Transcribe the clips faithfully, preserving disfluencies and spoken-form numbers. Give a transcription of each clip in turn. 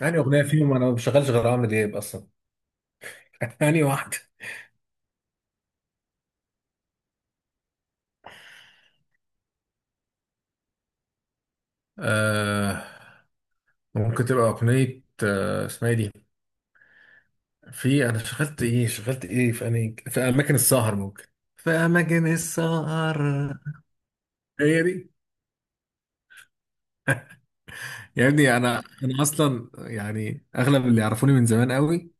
يعني اغنيه فيهم، انا ما بشغلش غير عمرو دياب اصلا. يعني واحده. آه، ممكن تبقى اغنيه آه اسمها إيه دي. في انا شغلت ايه شغلت ايه في أنهي، في اماكن السهر ممكن، في اماكن السهر. هي دي. يا ابني انا انا اصلا، يعني اغلب اللي يعرفوني من زمان قوي،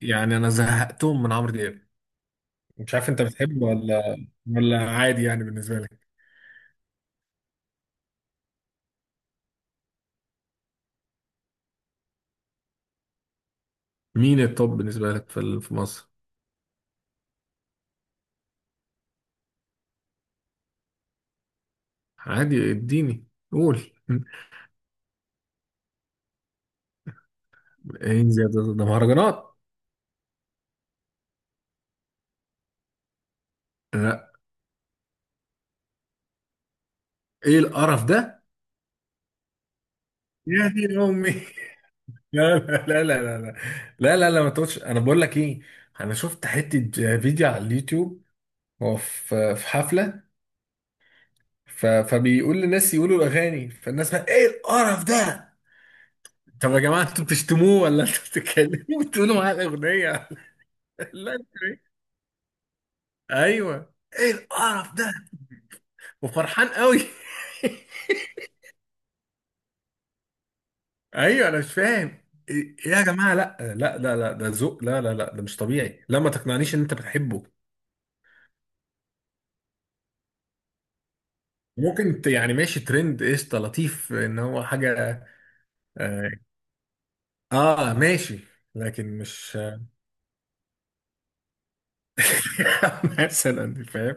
يعني انا زهقتهم من عمرو دياب. مش عارف انت بتحبه ولا، ولا عادي يعني بالنسبه لك. مين التوب بالنسبه لك في ال- في مصر؟ عادي، اديني، قول. ايه يا ده ده مهرجانات؟ لا، ايه القرف ده؟ يا دي امي لا لا لا لا لا، لا لا لا، ما تقولش. انا بقول لك ايه، انا شفت حته فيديو على اليوتيوب، هو في في حفله، ف- فبيقول للناس يقولوا الاغاني، فالناس بقى ايه القرف ده؟ طب يا جماعه، انتوا بتشتموه ولا انتوا بتتكلموا بتقولوا معاه الاغنيه؟ لا انتوا إيه؟ ايوه، ايه القرف ده؟ وفرحان قوي ايوه انا مش فاهم. ايه إيه يا جماعه؟ لا لا لا لا، ده ذوق؟ لا لا لا، ده مش طبيعي. لا، ما تقنعنيش ان انت بتحبه. ممكن ت- يعني ماشي، ترند، قشطه، لطيف ان هو حاجه. اه، آه، ماشي، لكن مش. مثلا فاهم.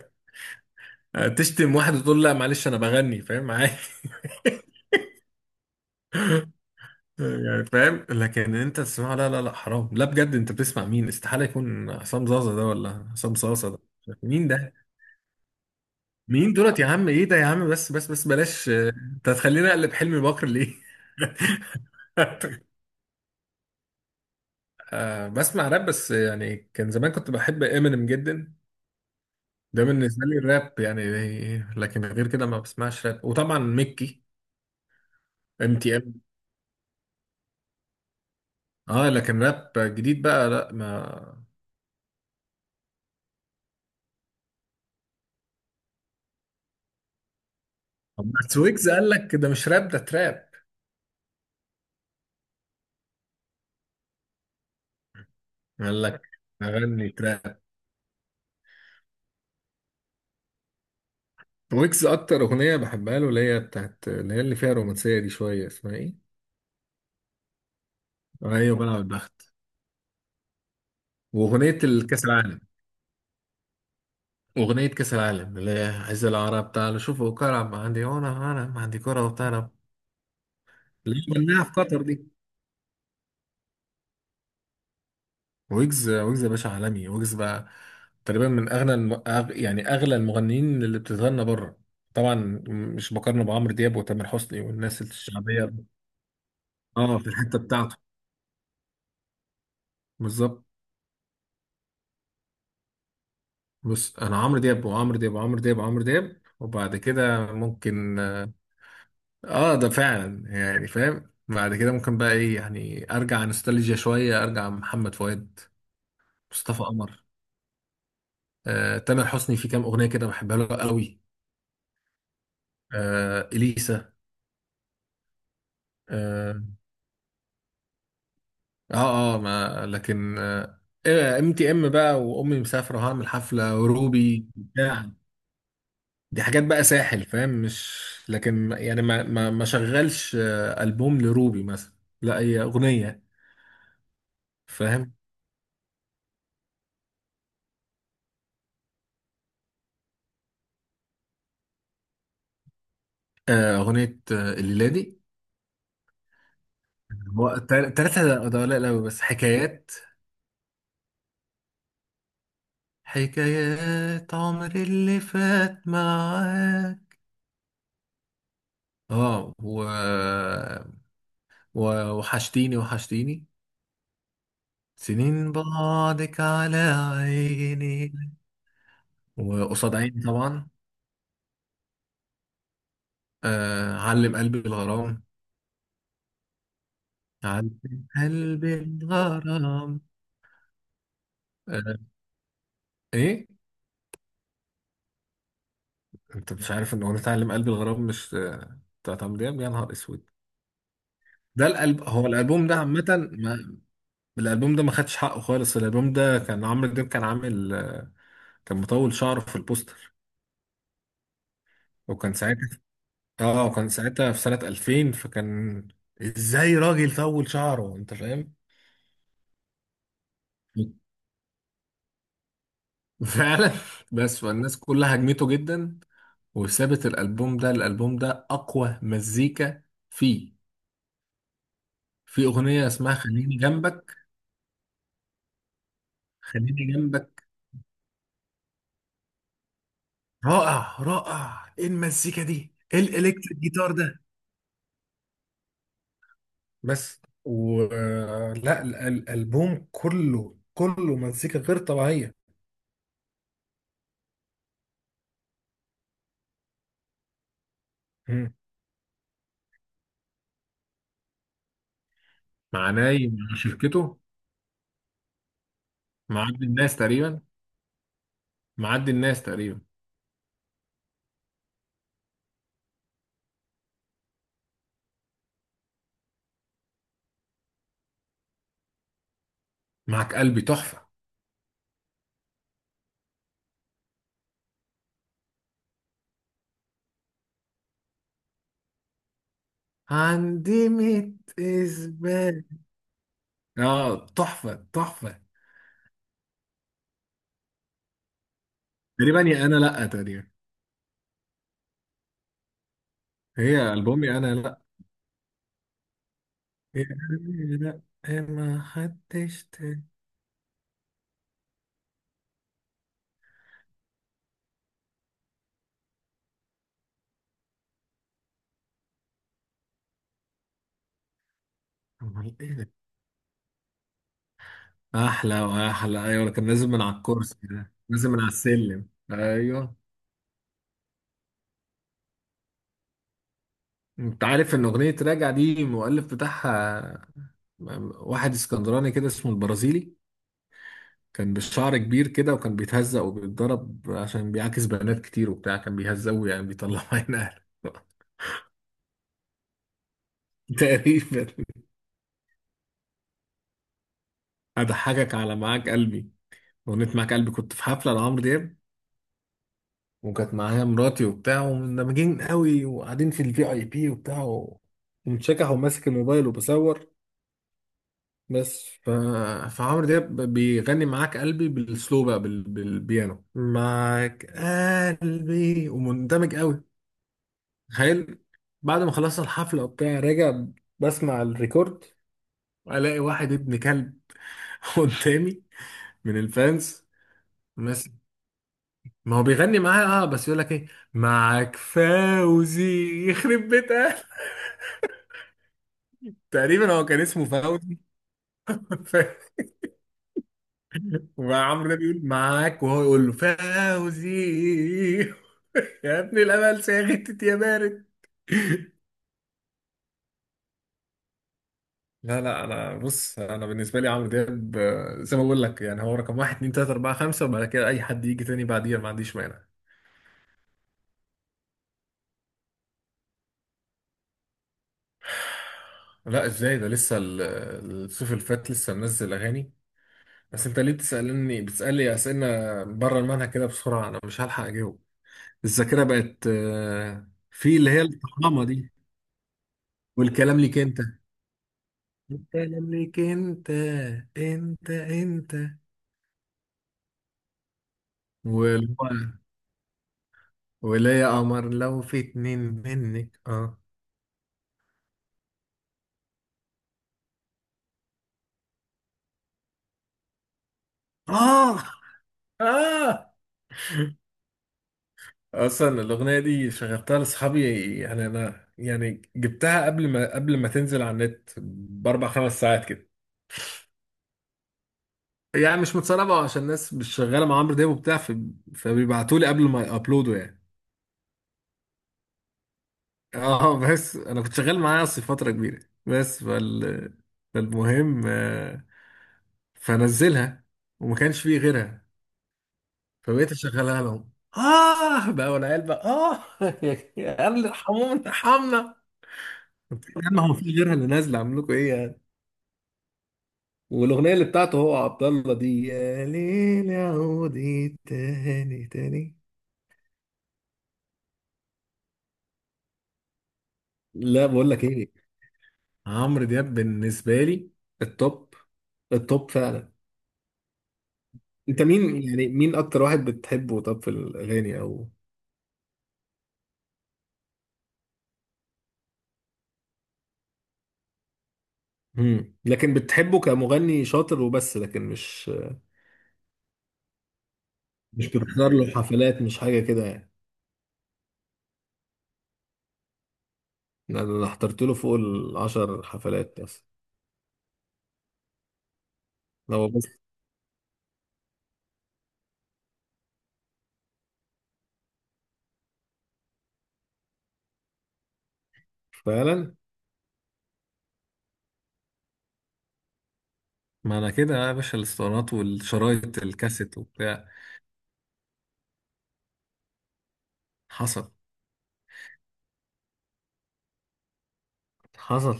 آه، تشتم واحد وتقول لا معلش انا بغني، فاهم عادي يعني فاهم، لكن انت تسمعه؟ لا لا لا، حرام، لا بجد. انت بتسمع مين؟ استحاله يكون حسام زازا ده، ولا حسام صاصه ده. مين ده؟ مين دولت يا عم؟ ايه ده يا عم؟ بس بس بس، بلاش آه، انت هتخليني اقلب حلمي بكر ليه. آه، بسمع راب، بس يعني كان زمان كنت بحب امينيم جدا. ده بالنسبه لي الراب يعني، لكن غير كده ما بسمعش راب. وطبعا ميكي ام تي ام. اه، لكن راب جديد بقى لا ما. طب بس ويجز قال لك ده مش راب، ده تراب. قال لك اغني تراب. ويجز اكتر اغنيه بحبها له اللي هي بتاعت، اللي هي اللي فيها رومانسيه دي شويه، اسمها ايه؟ ايوه بلعب البخت. واغنيه الكاس العالم، أغنية كأس العالم، اللي هي عز العرب تعالوا شوفوا كرة، ما عندي هنا، أنا ما عندي كرة وبتاع، اللي هي غناها في قطر دي. ويجز، ويجز يا باشا عالمي، ويجز بقى تقريبا من أغنى الم... أغ... يعني أغلى المغنيين اللي بتتغنى بره، طبعا. مش بقارنه بعمرو دياب وتامر حسني والناس الشعبية. اه، في الحتة بتاعته. بالظبط. بص، أنا عمرو دياب وعمرو دياب وعمرو دياب وعمرو دياب، وبعد كده ممكن آه، اه ده فعلا، يعني فاهم، بعد كده ممكن بقى ايه، يعني ارجع نوستالجيا شويه، ارجع محمد فؤاد، مصطفى قمر، آه تامر حسني، في كام اغنيه كده بحبها له قوي، آه اليسا. اه، اه, آه ما لكن. ام تي ام بقى، وامي مسافره، وهعمل حفله، وروبي بتاع، دي حاجات بقى ساحل، فاهم مش. لكن يعني ما ما ما شغلش آه، البوم لروبي مثلا، لا هي اغنيه. فاهم. آه اغنيه آه، الليله دي. هو تل- تلاتة ده قليل أوي، بس حكايات. حكايات عمر اللي فات معاك. اه، و... و... وحشتيني، وحشتيني. سنين بعدك على عيني. وقصاد عيني طبعا. آه علم قلبي الغرام. علم قلبي الغرام. آه. ايه؟ انت مش عارف ان اغنية علم قلبي الغرام مش آه، بتاعت عمرو دياب؟ يا نهار اسود. ده الألب... هو الألبوم ده عامة، الالبوم ده ما خدش حقه خالص. الالبوم ده كان عمرو دياب كان عامل آه، كان مطول شعره في البوستر، وكان ساعتها، اه كان ساعتها في سنة ألفين، فكان ازاي راجل طول شعره، انت فاهم. فعلا. بس فالناس كلها هجمته جدا، وسابت الالبوم ده. الالبوم ده اقوى مزيكا فيه. في اغنية اسمها خليني جنبك. خليني جنبك، رائع رائع. ايه المزيكا دي؟ ايه الالكتريك جيتار ده؟ بس ولا الالبوم كله، كله مزيكا غير طبيعيه. مم. مع ناي، مع شركته. مع عبد الناس تقريبا. مع عبد الناس تقريبا. معك قلبي تحفة. عندي ميت إثبات. اه تحفة تحفة. تقريبا يا أنا لأ تقريبا. هي ألبوم يا أنا لأ. يا أنا لأ، إيه ما حدش تاني. أمال إيه ده. أحلى وأحلى، أيوة، كان نازل من على الكرسي ده، نازل من على السلم، أيوة. انت عارف ان اغنية راجع دي المؤلف بتاعها واحد اسكندراني كده اسمه البرازيلي، كان بالشعر كبير كده، وكان بيتهزق وبيتضرب عشان بيعاكس بنات كتير وبتاع، كان بيهزقوا يعني، بيطلعوا عين اهله. تقريبا. اضحكك على معاك قلبي. اغنية معاك قلبي، كنت في حفلة لعمرو دياب، وكانت معايا مراتي وبتاع، ومندمجين قوي، وقاعدين في الفي اي بي وبتاع، ومتشكح وماسك الموبايل وبصور، بس ف... فعمرو دياب بيغني معاك قلبي بالسلو بقى بال... بالبيانو، معاك قلبي، ومندمج قوي. تخيل، بعد ما خلصنا الحفلة وبتاع راجع، بسمع الريكورد، الاقي واحد ابن كلب قدامي من الفانز، بس ما هو بيغني معايا، اه، بس يقول لك ايه، معاك فوزي، يخرب بيتك. تقريبا هو كان اسمه فوزي. وعمرو ده بيقول معاك، وهو يقول له فوزي. يا ابن الامل ساغتت يا بارد. لا لا، انا بص، انا بالنسبه لي عمرو دياب آه، زي ما بقول لك يعني، هو رقم واحد اتنين تلاته اربعه خمسه، وبعد كده اي حد يجي تاني بعديها ما عنديش مانع. لا ازاي ده، لسه ال- الصيف اللي فات لسه منزل اغاني. بس انت ليه بتسالني، بتسالي اسئله بره المنهج كده بسرعه، انا مش هلحق اجاوب. الذاكره بقت آه، في اللي هي الطخامه دي، والكلام ليك انت. انت ليك انت، انت انت. والو، ولا يا قمر لو في اتنين منك. اه، اه، اه. اصلا الاغنيه دي شغلتها لاصحابي، يعني انا يعني جبتها قبل ما قبل ما تنزل على النت باربع خمس ساعات كده. يعني مش متسربه، عشان الناس مش شغاله مع عمرو دياب وبتاع، ف- فبيبعتوا لي قبل ما يابلودوا يعني. اه، بس انا كنت شغال معاه اصلا فتره كبيره، بس فال فالمهم آه، فنزلها وما كانش فيه غيرها، فبقيت اشغلها لهم، اه بقى والعيال بقى اه يا قال ارحمونا ارحمنا. طب يا عم هو في غيرها اللي نازله اعمل لكم ايه يعني؟ والاغنيه اللي بتاعته هو عبد الله دي، يا ليل عودي تاني تاني. لا بقول لك ايه، عمرو دياب بالنسبه لي التوب، التوب فعلا. انت مين يعني، مين اكتر واحد بتحبه؟ طب في الاغاني او. مم. لكن بتحبه كمغني شاطر وبس، لكن مش، مش بتحضر له حفلات، مش حاجة كده يعني. أنا أنا حضرت له فوق العشر حفلات. بس لو بس. فعلا. ما انا كده يا باشا، الاسطوانات والشرايط الكاسيت وبتاع. حصل. حصل.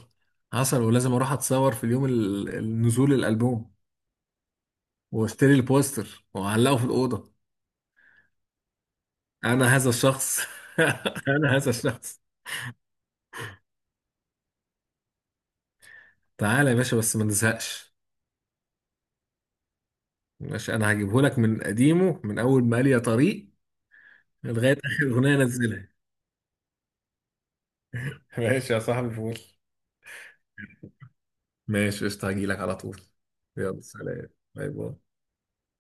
حصل، ولازم اروح اتصور في اليوم ال- النزول الالبوم، واشتري البوستر واعلقه في الاوضه. انا هذا الشخص. انا هذا الشخص. تعالى يا باشا بس ما نزهقش. ماشي، انا هجيبه لك من قديمه، من اول ما قال يا طريق، لغايه اخر اغنيه انزلها. ماشي يا صاحبي، فول. ماشي قشطة، هجيلك على طول. يلا سلام، باي باي.